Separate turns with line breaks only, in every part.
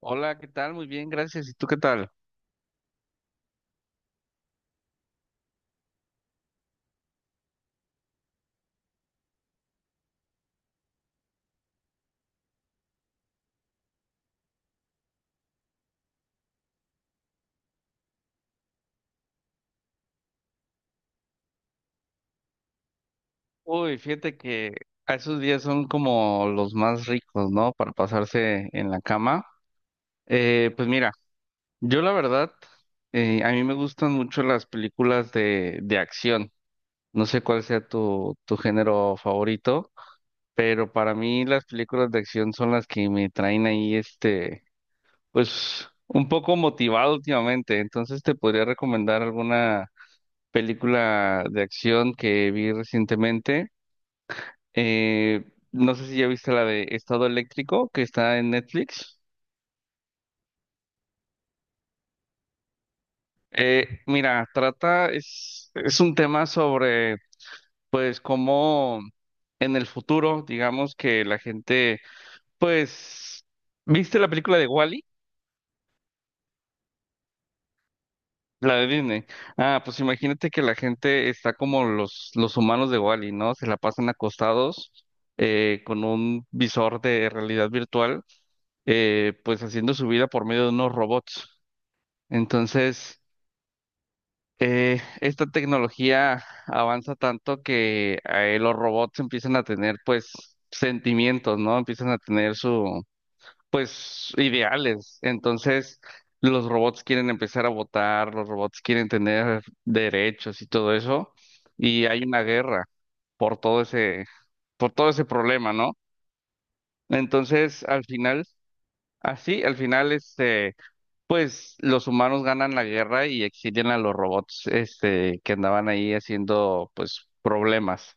Hola, ¿qué tal? Muy bien, gracias. ¿Y tú qué tal? Uy, fíjate que a esos días son como los más ricos, ¿no? Para pasarse en la cama. Pues mira, yo la verdad, a mí me gustan mucho las películas de acción. No sé cuál sea tu género favorito, pero para mí las películas de acción son las que me traen ahí, este, pues, un poco motivado últimamente. Entonces te podría recomendar alguna película de acción que vi recientemente. Eh, no sé si ya viste la de Estado Eléctrico que está en Netflix. Mira, trata, es un tema sobre, pues, cómo en el futuro, digamos que la gente, pues, ¿viste la película de Wall-E? La de Disney. Ah, pues imagínate que la gente está como los humanos de Wall-E, ¿no? Se la pasan acostados con un visor de realidad virtual, pues haciendo su vida por medio de unos robots. Entonces, esta tecnología avanza tanto que los robots empiezan a tener pues sentimientos, ¿no? Empiezan a tener su pues ideales. Entonces, los robots quieren empezar a votar, los robots quieren tener derechos y todo eso, y hay una guerra por todo ese por todo ese problema, ¿no? Entonces, al final, así, al final este pues los humanos ganan la guerra y exilian a los robots, este, que andaban ahí haciendo, pues, problemas.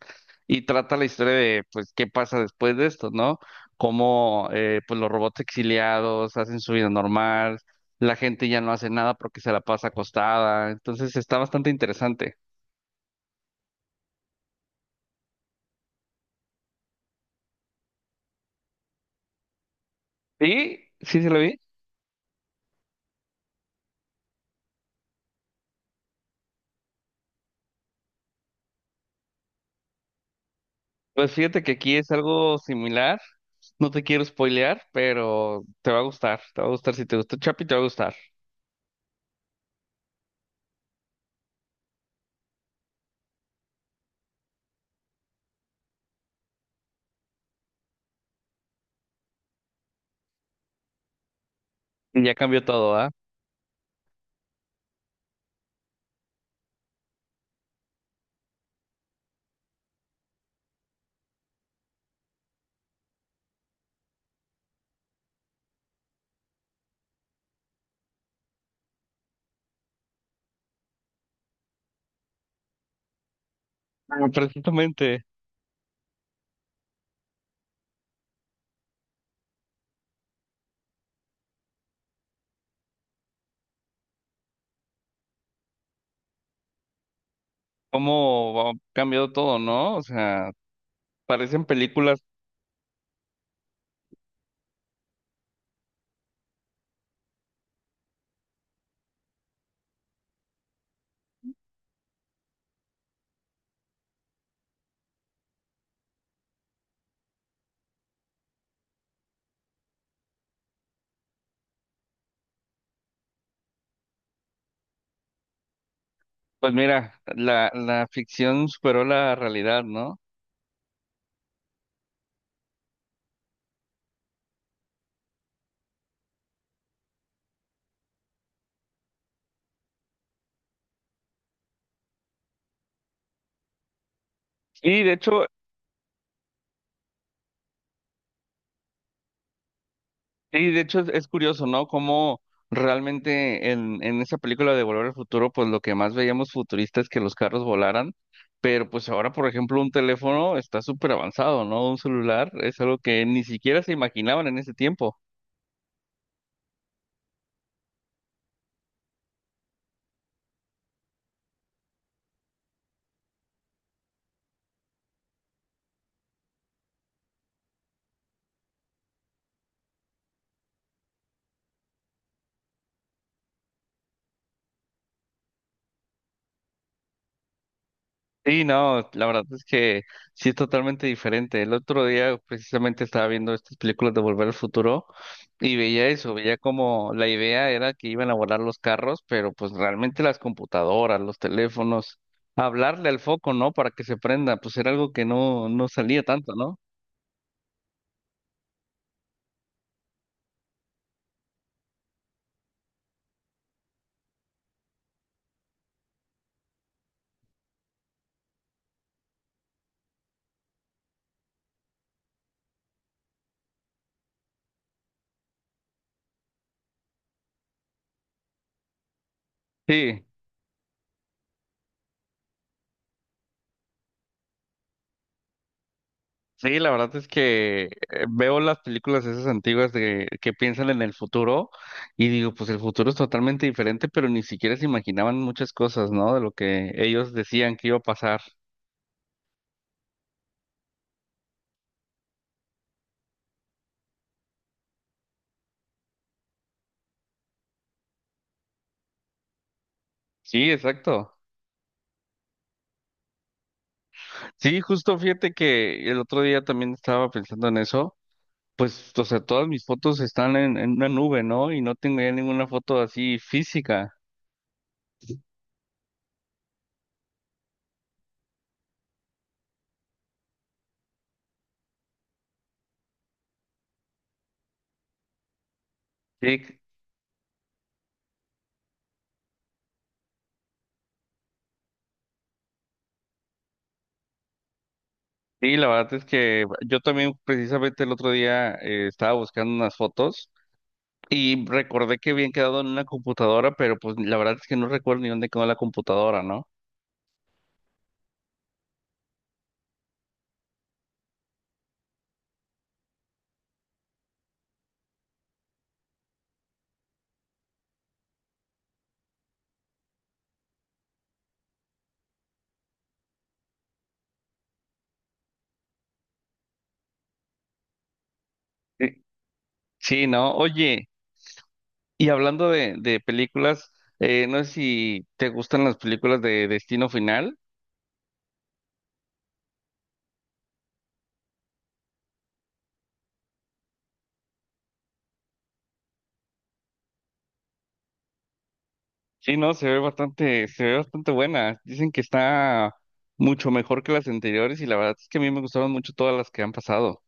Y trata la historia de, pues, qué pasa después de esto, ¿no? Cómo, pues, los robots exiliados hacen su vida normal, la gente ya no hace nada porque se la pasa acostada. Entonces está bastante interesante. Sí, ¿sí se lo vi? Pues fíjate que aquí es algo similar. No te quiero spoilear, pero te va a gustar. Te va a gustar. Si te gustó Chapi, te va a gustar. Y ya cambió todo, ¿ah? Ah, precisamente, cómo ha cambiado todo, ¿no? O sea, parecen películas, pues mira, la ficción superó la realidad, ¿no? Y de hecho, es curioso, ¿no? Cómo realmente en esa película de Volver al Futuro, pues lo que más veíamos futurista es que los carros volaran, pero pues ahora, por ejemplo, un teléfono está súper avanzado, ¿no? Un celular es algo que ni siquiera se imaginaban en ese tiempo. Sí, no, la verdad es que sí es totalmente diferente. El otro día precisamente estaba viendo estas películas de Volver al Futuro y veía eso, veía como la idea era que iban a volar los carros, pero pues realmente las computadoras, los teléfonos, hablarle al foco, ¿no? Para que se prenda, pues era algo que no salía tanto, ¿no? Sí. Sí, la verdad es que veo las películas esas antiguas de que piensan en el futuro y digo, pues el futuro es totalmente diferente, pero ni siquiera se imaginaban muchas cosas, ¿no? De lo que ellos decían que iba a pasar. Sí, exacto. Sí, justo fíjate que el otro día también estaba pensando en eso. Pues, o sea, todas mis fotos están en una nube, ¿no? Y no tengo ya ninguna foto así física. Sí, sí, la verdad es que yo también precisamente el otro día estaba buscando unas fotos. Y recordé que habían quedado en una computadora, pero pues la verdad es que no recuerdo ni dónde quedó la computadora, ¿no? Eh, Sí, ¿no? Oye, y hablando de películas, no sé si te gustan las películas de Destino Final. Sí, no, se ve bastante buena. Dicen que está mucho mejor que las anteriores y la verdad es que a mí me gustaron mucho todas las que han pasado.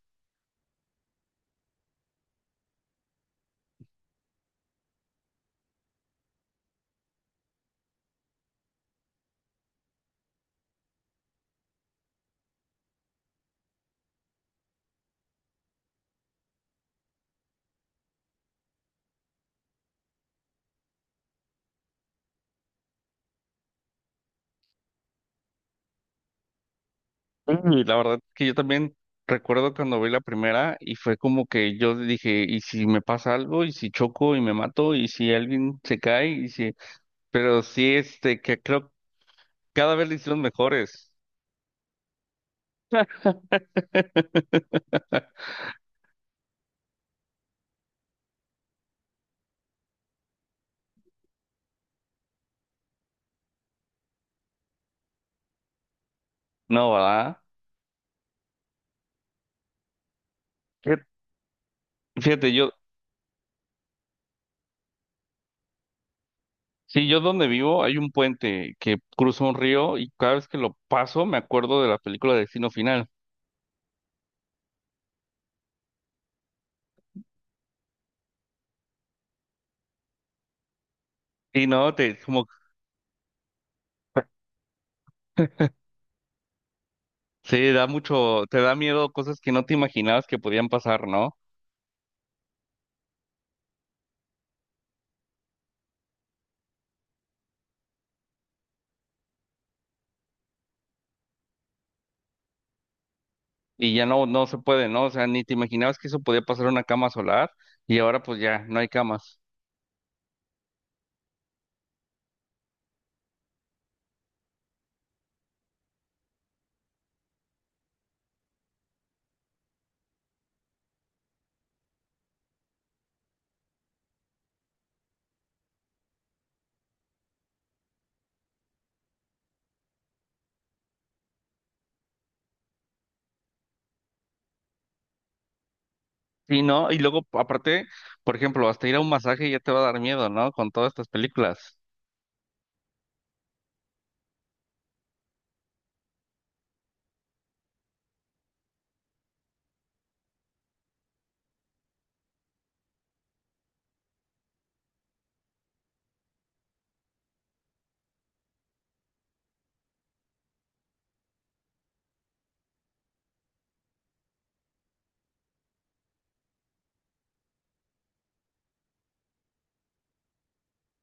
Y la verdad es que yo también recuerdo cuando vi la primera y fue como que yo dije, ¿y si me pasa algo? ¿Y si choco y me mato? ¿Y si alguien se cae? ¿Y si... Pero sí, este, que creo que cada vez le hicieron mejores. No, ¿verdad? Fíjate, fíjate, yo, sí, yo donde vivo hay un puente que cruza un río y cada vez que lo paso me acuerdo de la película Destino Final. Y no, te, como, sí, da mucho, te da miedo cosas que no te imaginabas que podían pasar, ¿no? Y ya no, se puede, ¿no? O sea, ni te imaginabas que eso podía pasar en una cama solar y ahora pues ya no hay camas. Sí, ¿no? Y luego, aparte, por ejemplo, hasta ir a un masaje ya te va a dar miedo, ¿no? Con todas estas películas.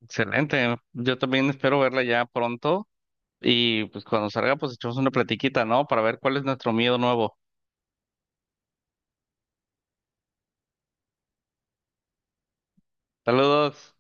Excelente. Yo también espero verla ya pronto y pues cuando salga pues echamos una platiquita, ¿no? Para ver cuál es nuestro miedo nuevo. Saludos.